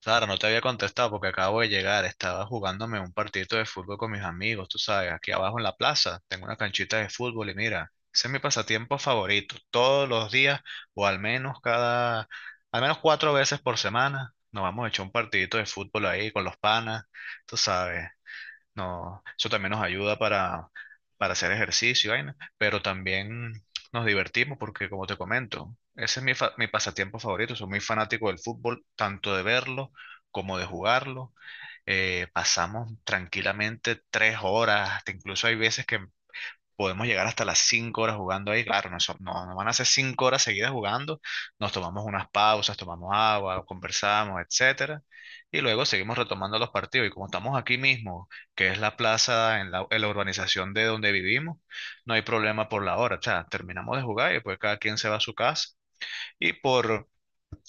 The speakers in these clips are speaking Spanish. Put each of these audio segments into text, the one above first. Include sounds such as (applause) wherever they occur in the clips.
Sara, no te había contestado porque acabo de llegar. Estaba jugándome un partidito de fútbol con mis amigos, tú sabes, aquí abajo en la plaza. Tengo una canchita de fútbol y mira, ese es mi pasatiempo favorito. Todos los días o al menos al menos cuatro veces por semana, nos vamos a echar un partidito de fútbol ahí con los panas, tú sabes. No, eso también nos ayuda para hacer ejercicio, y vaina, pero también nos divertimos porque, como te comento, ese es mi pasatiempo favorito. Soy muy fanático del fútbol, tanto de verlo como de jugarlo. Pasamos tranquilamente 3 horas, hasta incluso hay veces que podemos llegar hasta las 5 horas jugando ahí. Claro, no, no van a ser 5 horas seguidas jugando. Nos tomamos unas pausas, tomamos agua, conversamos, etcétera. Y luego seguimos retomando los partidos. Y como estamos aquí mismo, que es la plaza en la urbanización de donde vivimos, no hay problema por la hora. O sea, terminamos de jugar y pues cada quien se va a su casa. Y por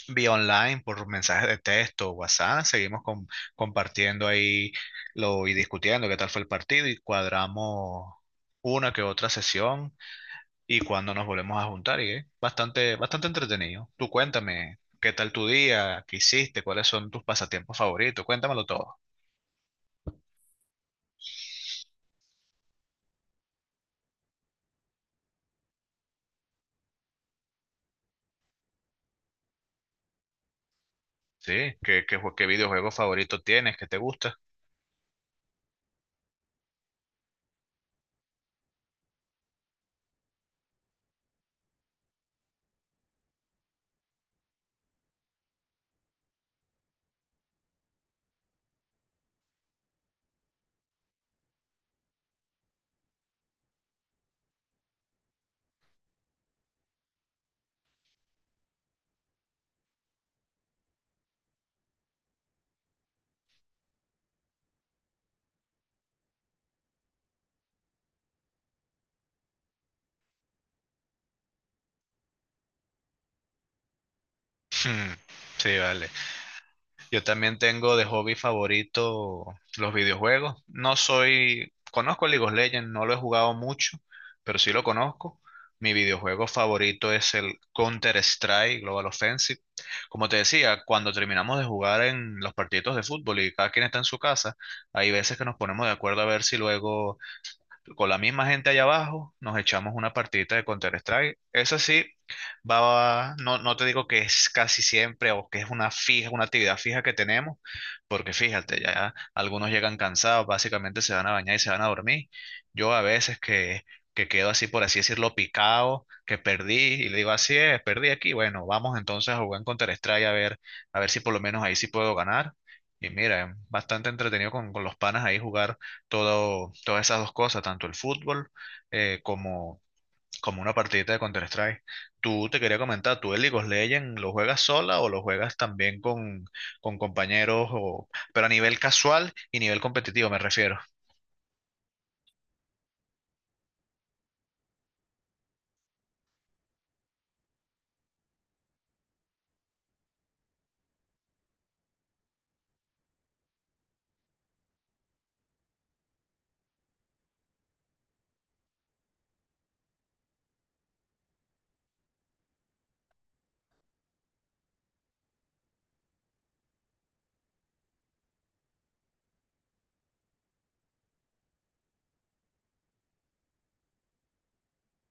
vía online, por mensajes de texto, WhatsApp, seguimos compartiendo ahí y discutiendo qué tal fue el partido y cuadramos una que otra sesión y cuando nos volvemos a juntar y es bastante, bastante entretenido. Tú cuéntame, ¿qué tal tu día? ¿Qué hiciste? ¿Cuáles son tus pasatiempos favoritos? Cuéntamelo todo. Sí, ¿qué videojuego favorito tienes? ¿Qué te gusta? (laughs) Sí, vale. Yo también tengo de hobby favorito los videojuegos. No soy, conozco League of Legends, no lo he jugado mucho, pero sí lo conozco. Mi videojuego favorito es el Counter-Strike Global Offensive. Como te decía, cuando terminamos de jugar en los partidos de fútbol y cada quien está en su casa, hay veces que nos ponemos de acuerdo a ver si luego con la misma gente allá abajo, nos echamos una partidita de Counter-Strike. Eso sí, no te digo que es casi siempre o que es una fija, una actividad fija que tenemos, porque fíjate, ya algunos llegan cansados, básicamente se van a bañar y se van a dormir. Yo a veces que quedo así, por así decirlo, picado, que perdí y le digo, así es, perdí aquí. Bueno, vamos entonces a jugar en Counter-Strike a ver si por lo menos ahí sí puedo ganar. Y mira, es bastante entretenido con los panas ahí jugar todas esas dos cosas, tanto el fútbol eh, como, como una partidita de Counter-Strike. Tú te quería comentar, ¿tú el League of Legends lo juegas sola o lo juegas también con compañeros, o, pero a nivel casual y nivel competitivo me refiero?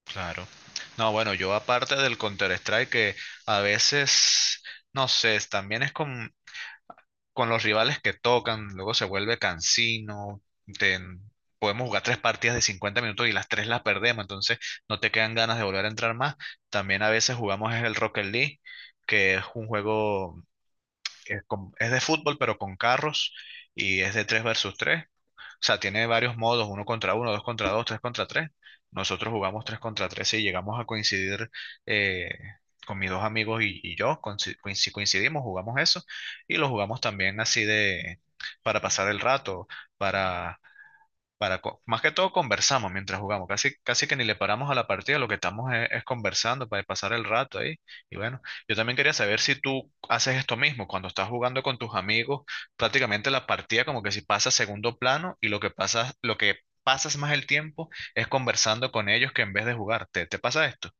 Claro. No, bueno, yo aparte del Counter-Strike que a veces, no sé, también es con los rivales que tocan, luego se vuelve cansino, te- podemos jugar tres partidas de 50 minutos y las tres las perdemos, entonces no te quedan ganas de volver a entrar más. También a veces jugamos es el Rocket League, que es un juego, que es, es de fútbol pero con carros y es de 3 versus tres. O sea, tiene varios modos, uno contra uno, dos contra dos, tres contra tres. Nosotros jugamos tres contra tres y llegamos a coincidir eh, con mis dos amigos y yo. Si coincidimos, jugamos eso y lo jugamos también así de para pasar el rato, para más que todo conversamos mientras jugamos, casi, casi que ni le paramos a la partida, lo que estamos es conversando para pasar el rato ahí. Y bueno, yo también quería saber si tú haces esto mismo, cuando estás jugando con tus amigos, prácticamente la partida como que si pasa a segundo plano y lo que pasa, lo que pasas más el tiempo es conversando con ellos que en vez de jugar. ¿Te pasa esto?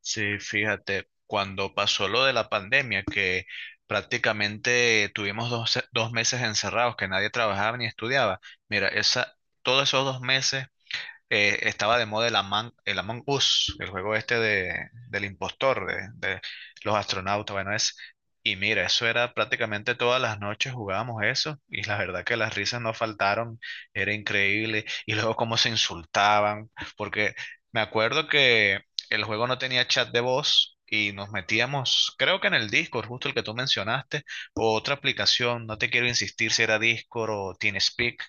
Sí, fíjate, cuando pasó lo de la pandemia, que prácticamente tuvimos dos meses encerrados, que nadie trabajaba ni estudiaba, mira, todos esos 2 meses estaba de moda el Among Us, el juego este del impostor, de los astronautas, bueno, es... Y mira, eso era prácticamente todas las noches jugábamos eso y la verdad que las risas no faltaron, era increíble. Y luego cómo se insultaban, porque me acuerdo que el juego no tenía chat de voz y nos metíamos, creo que en el Discord, justo el que tú mencionaste, o otra aplicación, no te quiero insistir si era Discord o TeamSpeak,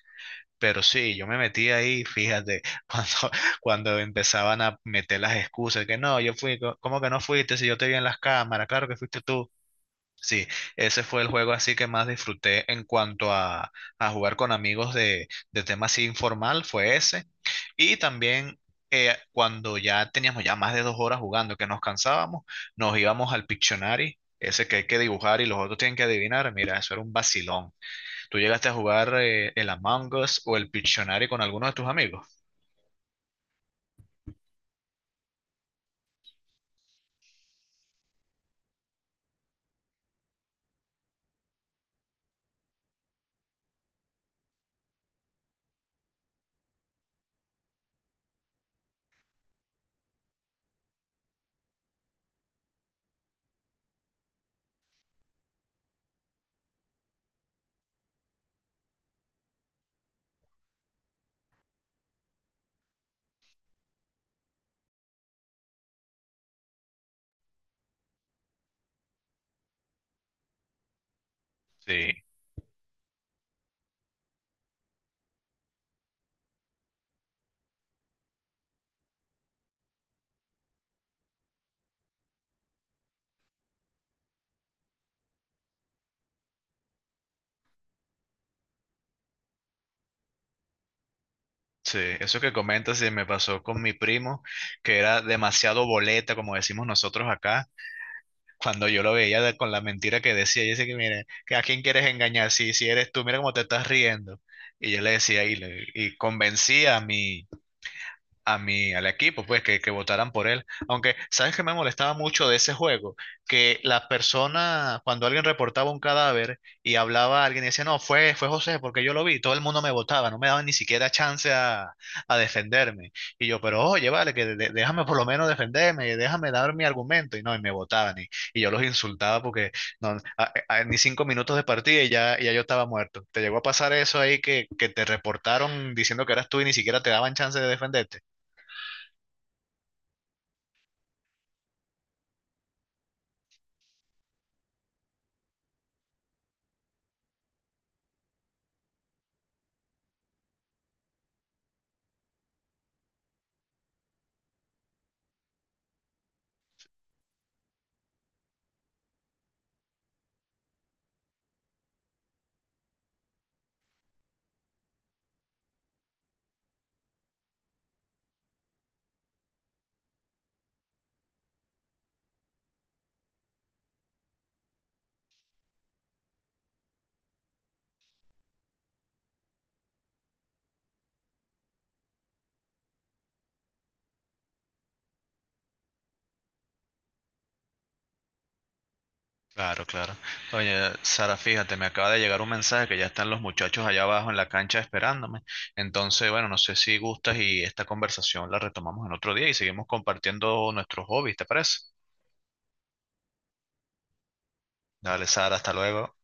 pero sí, yo me metí ahí, fíjate, (laughs) cuando, cuando empezaban a meter las excusas, que no, yo fui, ¿cómo que no fuiste? Si yo te vi en las cámaras, claro que fuiste tú. Sí, ese fue el juego así que más disfruté en cuanto a jugar con amigos de tema así informal, fue ese. Y también cuando ya teníamos ya más de 2 horas jugando, que nos cansábamos, nos íbamos al Pictionary, ese que hay que dibujar y los otros tienen que adivinar, mira, eso era un vacilón. ¿Tú llegaste a jugar el Among Us o el Pictionary con algunos de tus amigos? Sí, sí, eso que comentas sí, me pasó con mi primo, que era demasiado boleta, como decimos nosotros acá. Cuando yo lo veía con la mentira que decía, y dice que, mire, que a quién quieres engañar, si, si eres tú, mira cómo te estás riendo. Y yo le decía, y convencía a al equipo, pues que votaran por él. Aunque, ¿sabes qué me molestaba mucho de ese juego? Que la persona, cuando alguien reportaba un cadáver y hablaba a alguien y decía, no, fue José, porque yo lo vi, todo el mundo me votaba, no me daban ni siquiera chance a defenderme. Y yo, pero oye, vale, que déjame por lo menos defenderme, déjame dar mi argumento. Y no, y me votaban. Y yo los insultaba porque no, ni 5 minutos de partida y ya yo estaba muerto. ¿Te llegó a pasar eso ahí que te reportaron diciendo que eras tú y ni siquiera te daban chance de defenderte? Claro, claro. Oye, Sara, fíjate, me acaba de llegar un mensaje que ya están los muchachos allá abajo en la cancha esperándome. Entonces, bueno, no sé si gustas y esta conversación la retomamos en otro día y seguimos compartiendo nuestros hobbies, ¿te parece? Dale, Sara, hasta luego.